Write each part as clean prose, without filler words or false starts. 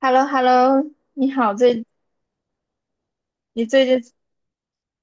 h e l l o h e l l o 你好，最你最近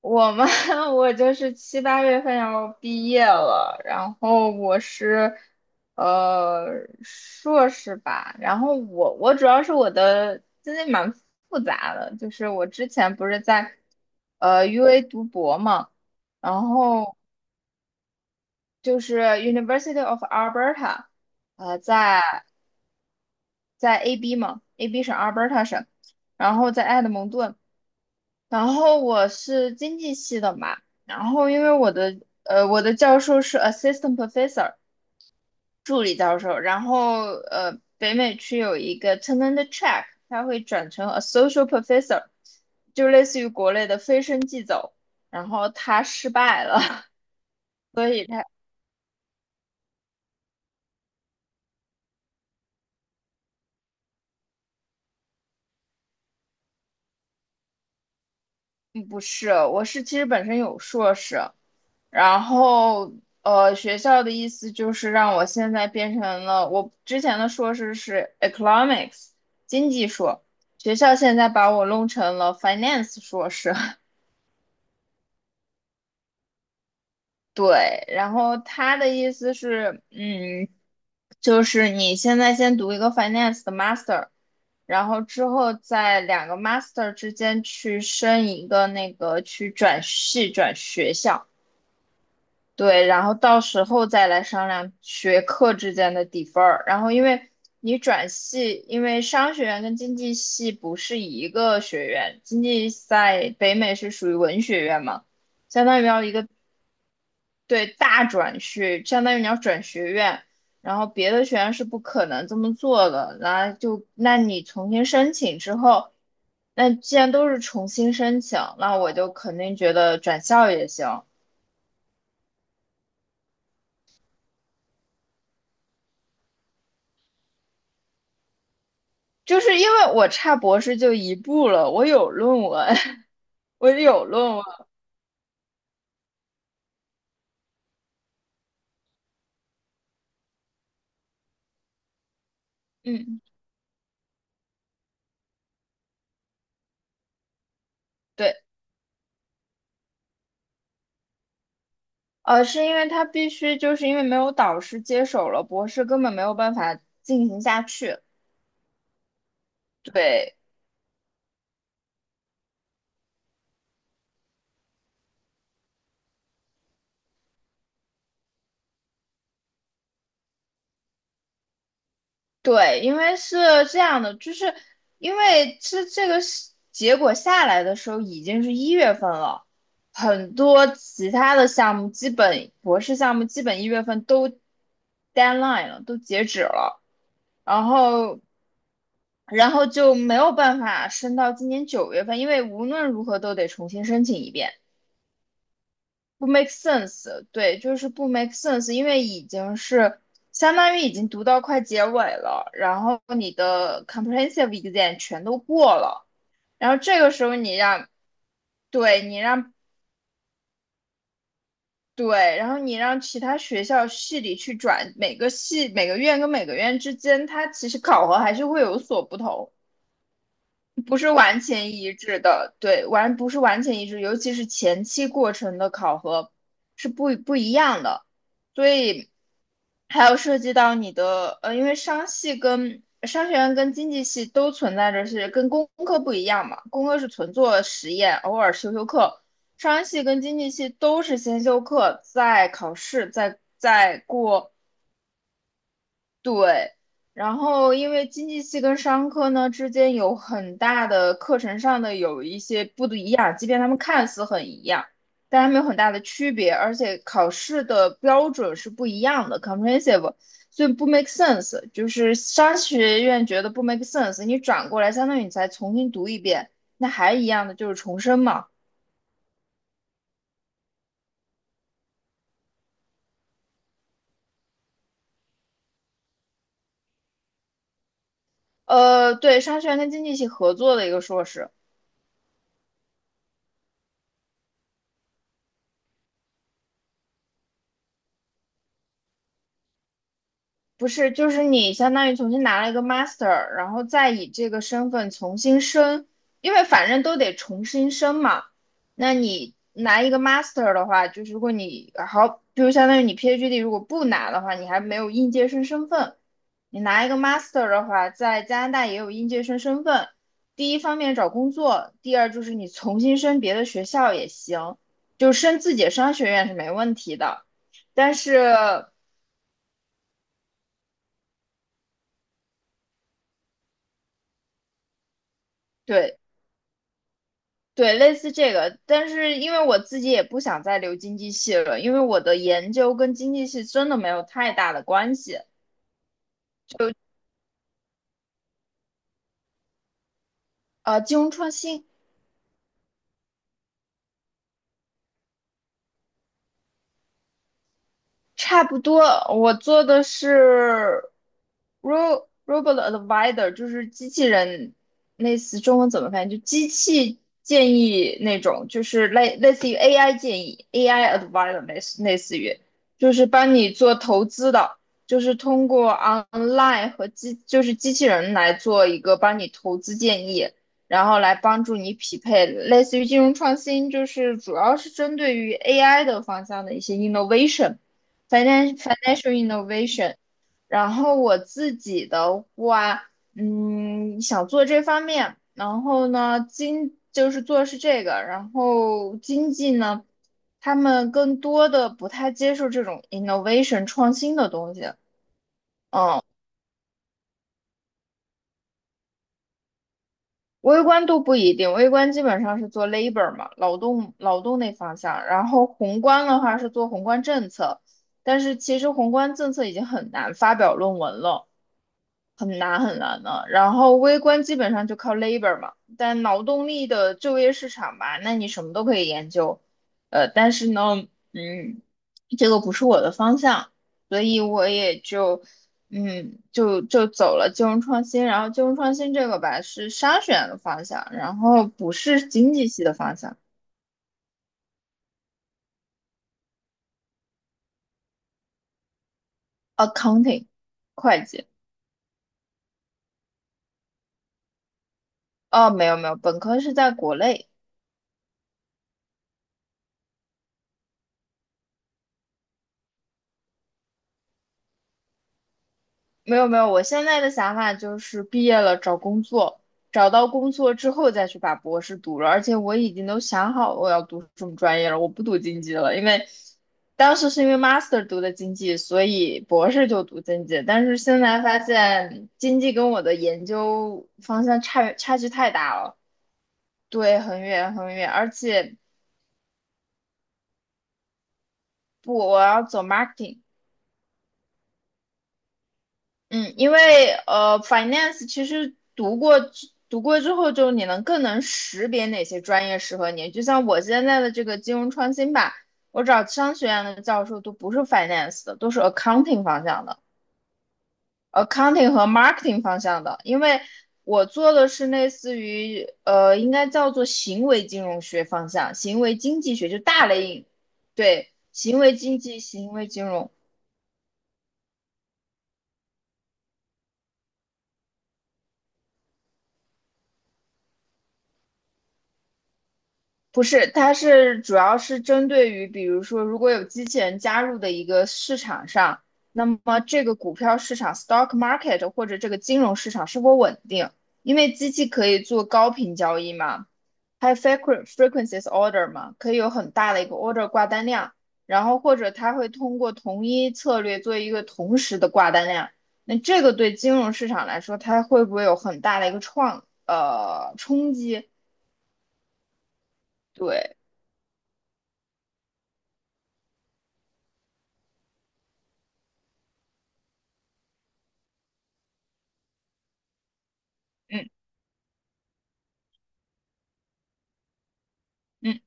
我嘛，我就是七八月份要毕业了，然后我是硕士吧。然后我主要是我的经历蛮复杂的。就是我之前不是在UA 读博嘛，然后就是 University of Alberta，在AB 嘛，AB 省 Alberta 省，然后在埃德蒙顿。然后我是经济系的嘛。然后因为我的教授是 assistant professor 助理教授。然后北美区有一个 tenure track，他会转成 associate professor，就类似于国内的飞升即走，然后他失败了。所以他嗯不是，我是其实本身有硕士。然后学校的意思就是让我现在变成了，我之前的硕士是 economics 经济硕，学校现在把我弄成了 finance 硕士。对，然后他的意思是，就是你现在先读一个 finance 的 master，然后之后在两个 master 之间去升一个那个去转系转学校。对，然后到时候再来商量学科之间的底分儿。然后，因为你转系，因为商学院跟经济系不是一个学院，经济在北美是属于文学院嘛，相当于要一个对大转学，相当于你要转学院。然后别的学院是不可能这么做的。然后就，那你重新申请之后，那既然都是重新申请，那我就肯定觉得转校也行。就是因为我差博士就一步了，我有论文。我有论文，嗯，对。是因为他必须，就是因为没有导师接手了，博士根本没有办法进行下去。对对，因为是这样的。就是因为这个是结果下来的时候已经是一月份了，很多其他的项目基本博士项目基本一月份都 deadline 了，都截止了。然后就没有办法升到今年九月份，因为无论如何都得重新申请一遍，不 make sense。对，就是不 make sense，因为已经是相当于已经读到快结尾了，然后你的 comprehensive exam 全都过了。然后这个时候你让，对你让对，然后你让其他学校系里去转。每个系每个院跟每个院之间，它其实考核还是会有所不同。不是完全一致的，对，不是完全一致，尤其是前期过程的考核是不一样的。所以还有涉及到你的，因为商学院跟经济系都存在着是跟工科不一样嘛，工科是纯做实验，偶尔修修课。商系跟经济系都是先修课，再考试，再过，对。然后因为经济系跟商科呢之间有很大的课程上的有一些不一样，即便他们看似很一样，但他们有很大的区别，而且考试的标准是不一样的，comprehensive，所以不 make sense。就是商学院觉得不 make sense，你转过来相当于你再重新读一遍，那还一样的就是重申嘛。对，商学院跟经济系合作的一个硕士。不是，就是你相当于重新拿了一个 master，然后再以这个身份重新申，因为反正都得重新申嘛。那你拿一个 master 的话，就是如果你好，就是相当于你 PhD 如果不拿的话，你还没有应届生身份。你拿一个 master 的话，在加拿大也有应届生身份。第一方面找工作，第二就是你重新申别的学校也行，就申自己的商学院是没问题的。但是，对，对，类似这个。但是因为我自己也不想再留经济系了，因为我的研究跟经济系真的没有太大的关系。就金融创新，差不多。我做的是 robot advisor，就是机器人，类似中文怎么翻译？就机器建议那种，就是类似于 AI 建议，AI advisor 类似于，就是帮你做投资的，就是通过 online 和就是机器人来做一个帮你投资建议，然后来帮助你匹配，类似于金融创新，就是主要是针对于 AI 的方向的一些 innovation。Financial innovation。然后我自己的话，想做这方面，然后呢，就是做的是这个。然后经济呢，他们更多的不太接受这种 innovation 创新的东西。微观都不一定，微观基本上是做 labor 嘛，劳动那方向，然后宏观的话是做宏观政策，但是其实宏观政策已经很难发表论文了。很难很难的。然后微观基本上就靠 labor 嘛，但劳动力的就业市场吧，那你什么都可以研究。但是呢，嗯，这个不是我的方向，所以我也就，就走了金融创新。然后金融创新这个吧是商学院的方向，然后不是经济系的方向，accounting 会计。哦，没有没有，本科是在国内。没有没有，我现在的想法就是毕业了找工作，找到工作之后再去把博士读了。而且我已经都想好我要读什么专业了，我不读经济了，因为当时是因为 master 读的经济，所以博士就读经济。但是现在发现经济跟我的研究方向差距太大了。对，很远很远。而且不，我要走 marketing。嗯，因为finance 其实读过之后，就你能更能识别哪些专业适合你。就像我现在的这个金融创新吧，我找商学院的教授都不是 finance 的，都是 accounting 方向的，accounting 和 marketing 方向的。因为我做的是类似于应该叫做行为金融学方向，行为经济学就大类，对，行为经济、行为金融。不是，它是主要是针对于，比如说，如果有机器人加入的一个市场上，那么这个股票市场（ （stock market） 或者这个金融市场是否稳定？因为机器可以做高频交易嘛，还有 frequencies order 嘛，可以有很大的一个 order 挂单量，然后或者它会通过同一策略做一个同时的挂单量。那这个对金融市场来说，它会不会有很大的一个冲击？对，嗯嗯。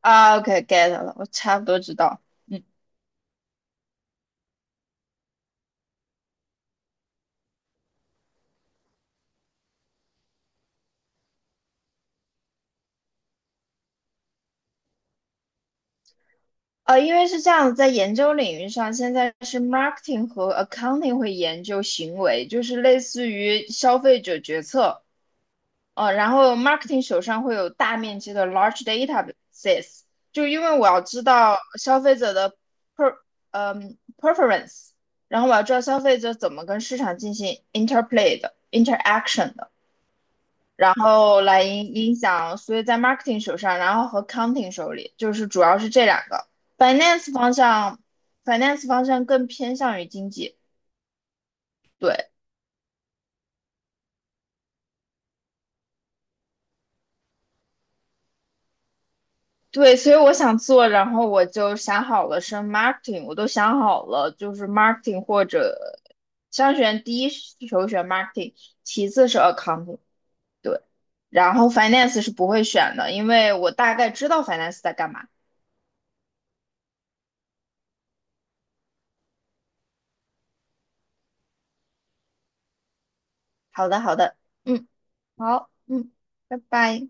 啊，OK，get 了，我差不多知道。嗯，因为是这样，在研究领域上，现在是 marketing 和 accounting 会研究行为，就是类似于消费者决策。然后 marketing 手上会有大面积的 large databases，就因为我要知道消费者的 per preference，然后我要知道消费者怎么跟市场进行 interplay 的 interaction 的。然后来影响，所以在 marketing 手上，然后和 counting 手里，就是主要是这两个。finance 方向，finance 方向更偏向于经济，对对，所以我想做，然后我就想好了是 marketing，我都想好了，就是 marketing 或者商选第一首选 marketing，其次是 accounting，对，然后 finance 是不会选的，因为我大概知道 finance 在干嘛。好的，好的，嗯，好，嗯，拜拜。